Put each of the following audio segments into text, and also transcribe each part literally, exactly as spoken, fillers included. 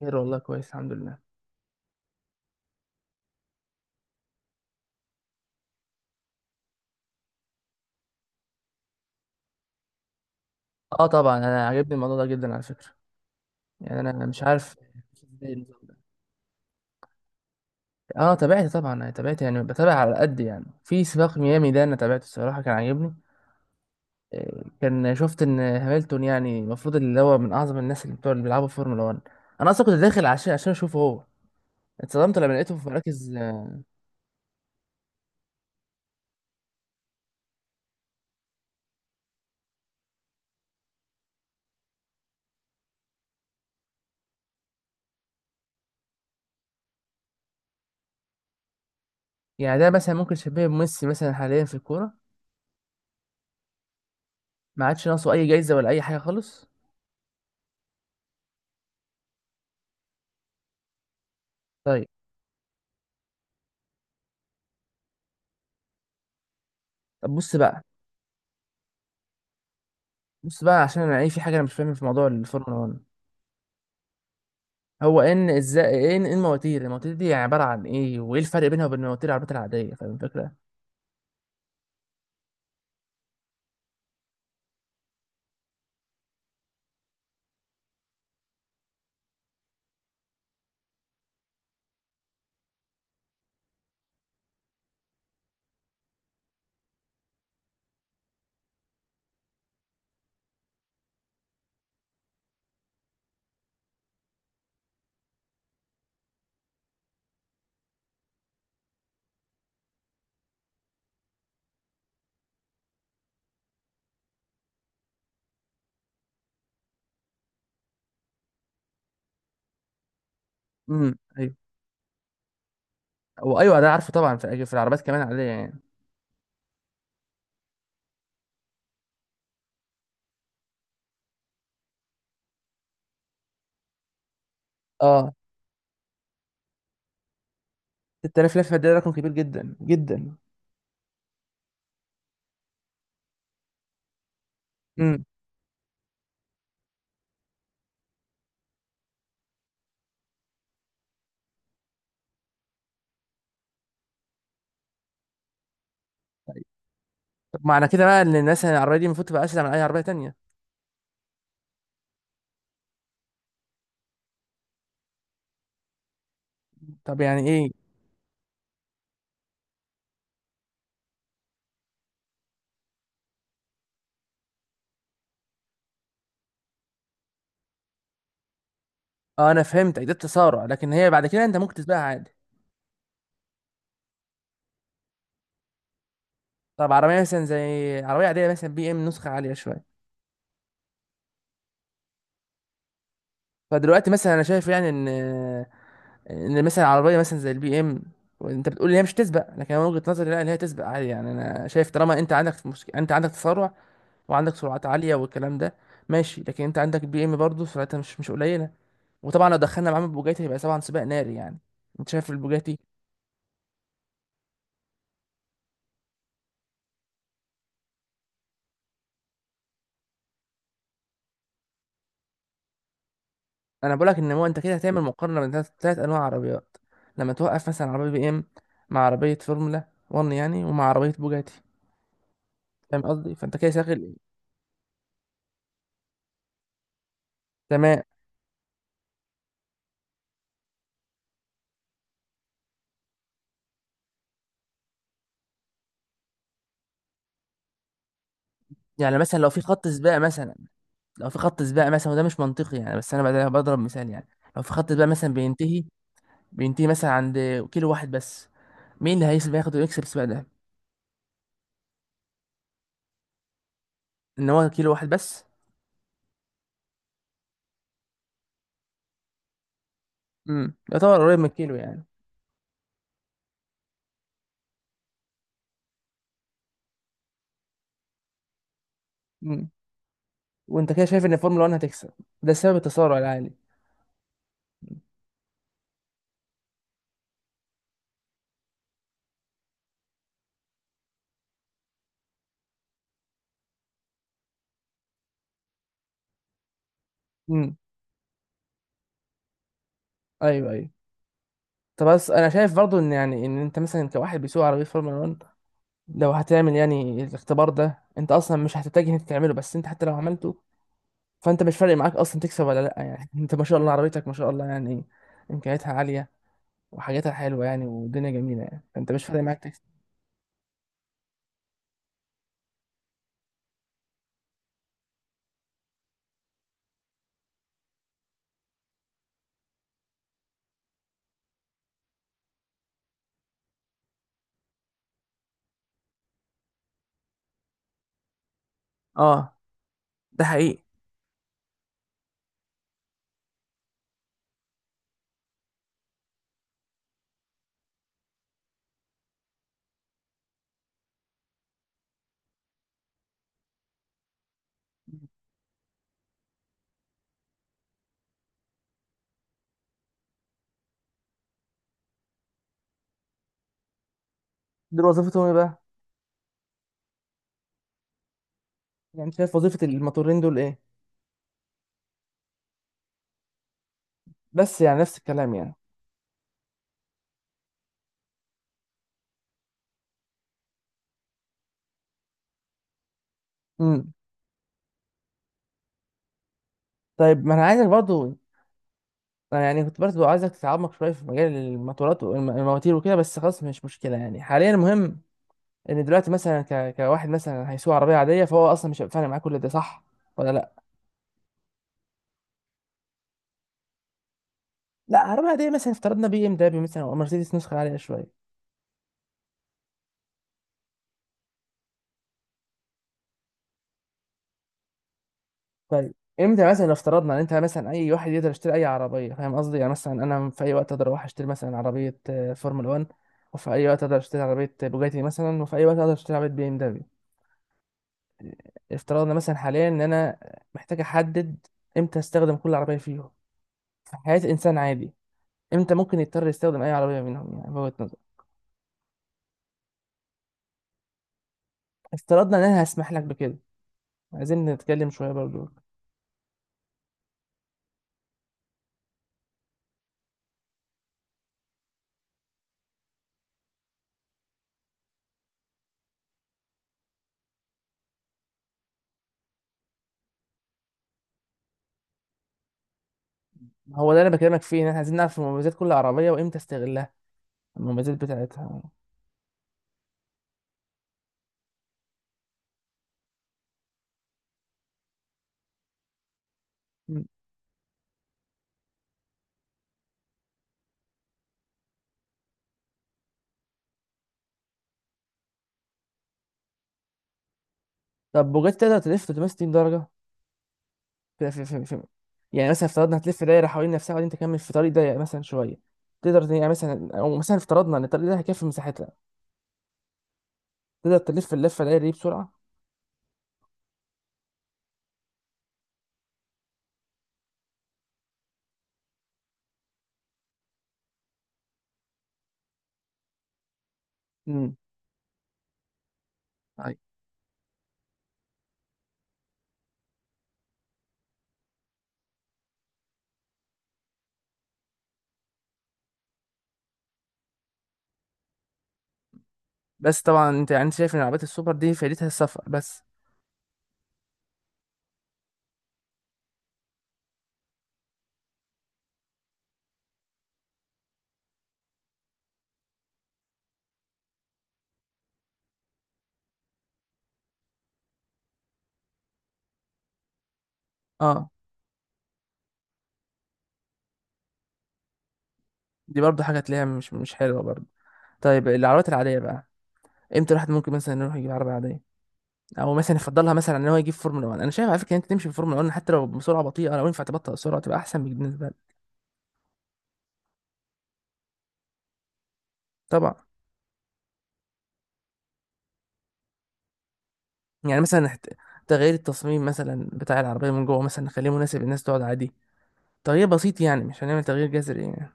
خير والله، كويس الحمد لله. اه طبعا انا عجبني الموضوع ده جدا على فكره. يعني انا أنا مش عارف إزاي النظام ده. اه تابعت طبعا، انا تابعت يعني بتابع على قد يعني. في سباق ميامي ده انا تابعته الصراحه كان عاجبني. آه، كان شفت ان هامilton يعني المفروض اللي هو من اعظم الناس اللي بتوع اللي بيلعبوا في فورمولا واحد. انا اصلا كنت داخل عشان عشان اشوفه هو. اتصدمت لما لقيته في مراكز آه، يعني ده مثلا ممكن شبيه بميسي مثلا حاليا في الكوره. ما عادش ناقصه اي جايزه ولا اي حاجه خالص. طيب. طب بص بقى. بص بقى، عشان انا ايه، في حاجه انا مش فاهم في موضوع الفورمولا واحد. هو ان ازاي، ايه ان إيه المواتير المواتير دي يعني عباره عن ايه، وايه الفرق بينها وبين مواتير العربيات العاديه؟ فاهم الفكره؟ امم، ايوه. هو ايوه ده عارفه طبعا. في أيوه، في العربيات كمان عاديه يعني. اه، ستة آلاف لفه ده رقم كبير جدا جدا. امم. طيب. طب معنى كده بقى ان الناس العربيه دي المفروض تبقى اسرع من اي عربيه تانية؟ طب يعني ايه؟ اه، انا فهمت ده تسارع، لكن هي بعد كده انت ممكن تسبقها عادي. طب عربيه مثلا زي عربيه عاديه، مثلا بي ام نسخه عاليه شويه. فدلوقتي مثلا انا شايف يعني ان، ان مثلا عربيه مثلا زي البي ام، وانت بتقول لي هي مش تسبق، لكن انا من وجهه نظري لا، ان هي تسبق عادي. يعني انا شايف طالما انت عندك مشكله، انت عندك تسارع وعندك سرعات عاليه والكلام ده، ماشي، لكن انت عندك بي ام برضه سرعتها مش، مش قليله. وطبعا لو دخلنا معاه البوجاتي هيبقى طبعا سباق ناري يعني. انت شايف البوجاتي؟ انا بقول لك ان هو انت كده هتعمل مقارنه بين ثلاث انواع عربيات. لما توقف مثلا عربيه بي ام مع عربيه فورمولا واحد يعني، ومع عربيه بوجاتي. فاهم قصدي؟ فانت كده شاغل. تمام. يعني مثلا لو في خط سباق مثلا، لو في خط سباق مثلا، وده مش منطقي يعني بس انا بعدها بضرب مثال يعني، لو في خط سباق مثلا بينتهي، بينتهي مثلا عند كيلو واحد بس، مين اللي هيسبق ياخد ويكسب السباق ده؟ ان هو كيلو واحد بس. امم، يعتبر قريب من الكيلو يعني. امم. وانت كده شايف ان الفورمولا واحد هتكسب؟ ده سبب التسارع العالي. امم. ايوه، ايوه. طب بس انا شايف برضو ان يعني، ان انت مثلا كواحد بيسوق عربيه فورمولا واحد لو هتعمل يعني الاختبار ده، انت اصلا مش هتتجه انت تعمله، بس انت حتى لو عملته فانت مش فارق معاك اصلا تكسب ولا لا يعني انت ما شاء الله، عربيتك ما شاء الله يعني، امكانياتها عاليه وحاجاتها حلوه يعني، والدنيا جميله يعني، فانت مش فارق معاك تكسب. اه. ده حقيقي. دول وظيفتهم ايه بقى؟ يعني شايف وظيفه الموتورين دول ايه؟ بس يعني نفس الكلام يعني. امم. طيب، ما انا عايزك برضه، أنا يعني كنت برضه عايزك تتعمق شويه في مجال الموتورات والمواتير وكده، بس خلاص مش مشكله يعني. حاليا المهم ان دلوقتي مثلا ك... كواحد مثلا هيسوق عربيه عاديه، فهو اصلا مش هيبقى فارق معاه كل ده، صح ولا لا؟ لا، عربية عادية مثلا، افترضنا بي ام دبليو مثلا او مرسيدس نسخة عالية شوية. طيب، امتى مثلا، لو افترضنا ان انت مثلا، اي واحد يقدر يشتري اي عربية، فاهم قصدي؟ يعني مثلا انا في اي وقت اقدر اروح اشتري مثلا عربية آه، فورمولا واحد، وفي اي وقت اقدر اشتري عربية بوجاتي مثلا، وفي اي وقت اقدر اشتري عربية بي ام دبليو. افترضنا مثلا حاليا ان انا محتاج احدد امتى استخدم كل عربية فيهم في حياة انسان عادي. امتى ممكن يضطر يستخدم اي عربية منهم يعني بوجهة نظري؟ افترضنا ان انا هسمح لك بكده، عايزين نتكلم شوية برضو. هو ده اللي أنا بكلمك فيه، إن إحنا عايزين نعرف مميزات كل عربية وإمتى استغلها. المميزات بتاعتها. م. طب بوجاتي تقدر تلف ثلاثمية وستين درجة؟ في في في في يعني مثلا افترضنا هتلف دايرة حوالين نفسها وبعدين تكمل في طريق ضيق مثلا شوية، تقدر ت- يعني مثلا، أو مثلا افترضنا إن الطريق ده هيكفي مساحتها، تقدر تلف اللفة الدايرة دي بسرعة؟ امم. أيوة. بس طبعا أنت يعني، أنت شايف إن العربيات السوبر دي فايدتها السفر بس؟ أه. دي برضه حاجة تلاقيها مش، مش حلوة برضه. طيب العربيات العادية بقى، إمتى الواحد ممكن مثلا يروح يجيب عربية عادية او مثلا يفضلها مثلا ان هو يجيب فورمولا واحد؟ انا شايف على فكره ان انت تمشي في فورمولا واحد حتى لو بسرعه بطيئه، لو ينفع تبطئ السرعه تبقى احسن بالنسبه لك. طبعا. يعني مثلا حت-، تغيير التصميم مثلا بتاع العربيه من جوه مثلا، نخليه مناسب للناس تقعد عادي، تغيير بسيط يعني مش هنعمل تغيير جذري يعني،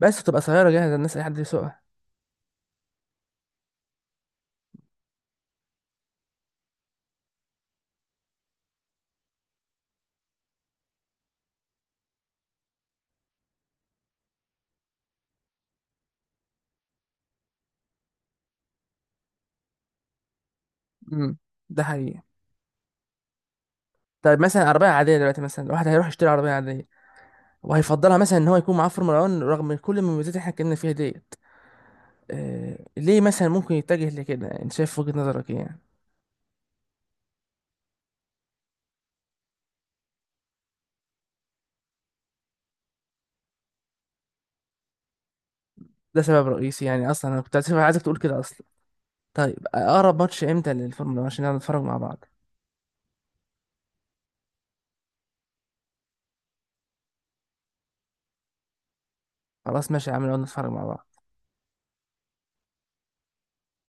بس تبقى سياره جاهزه الناس، اي حد يسوقها. امم. ده حقيقي. طيب مثلا عربيه عاديه دلوقتي، مثلا الواحد هيروح يشتري عربيه عاديه وهيفضلها مثلا ان هو يكون معاه فورمولا واحد رغم كل المميزات اللي احنا اتكلمنا فيها ديت، آه ليه مثلا ممكن يتجه لكده؟ انت شايف وجهه نظرك ايه يعني؟ ده سبب رئيسي يعني اصلا، انا كنت عايز- عايزك تقول كده اصلا. طيب اقرب ماتش امتى للفورمولا واحد عشان نقعد نتفرج مع بعض؟ خلاص ماشي يا عم، نقعد نتفرج مع بعض.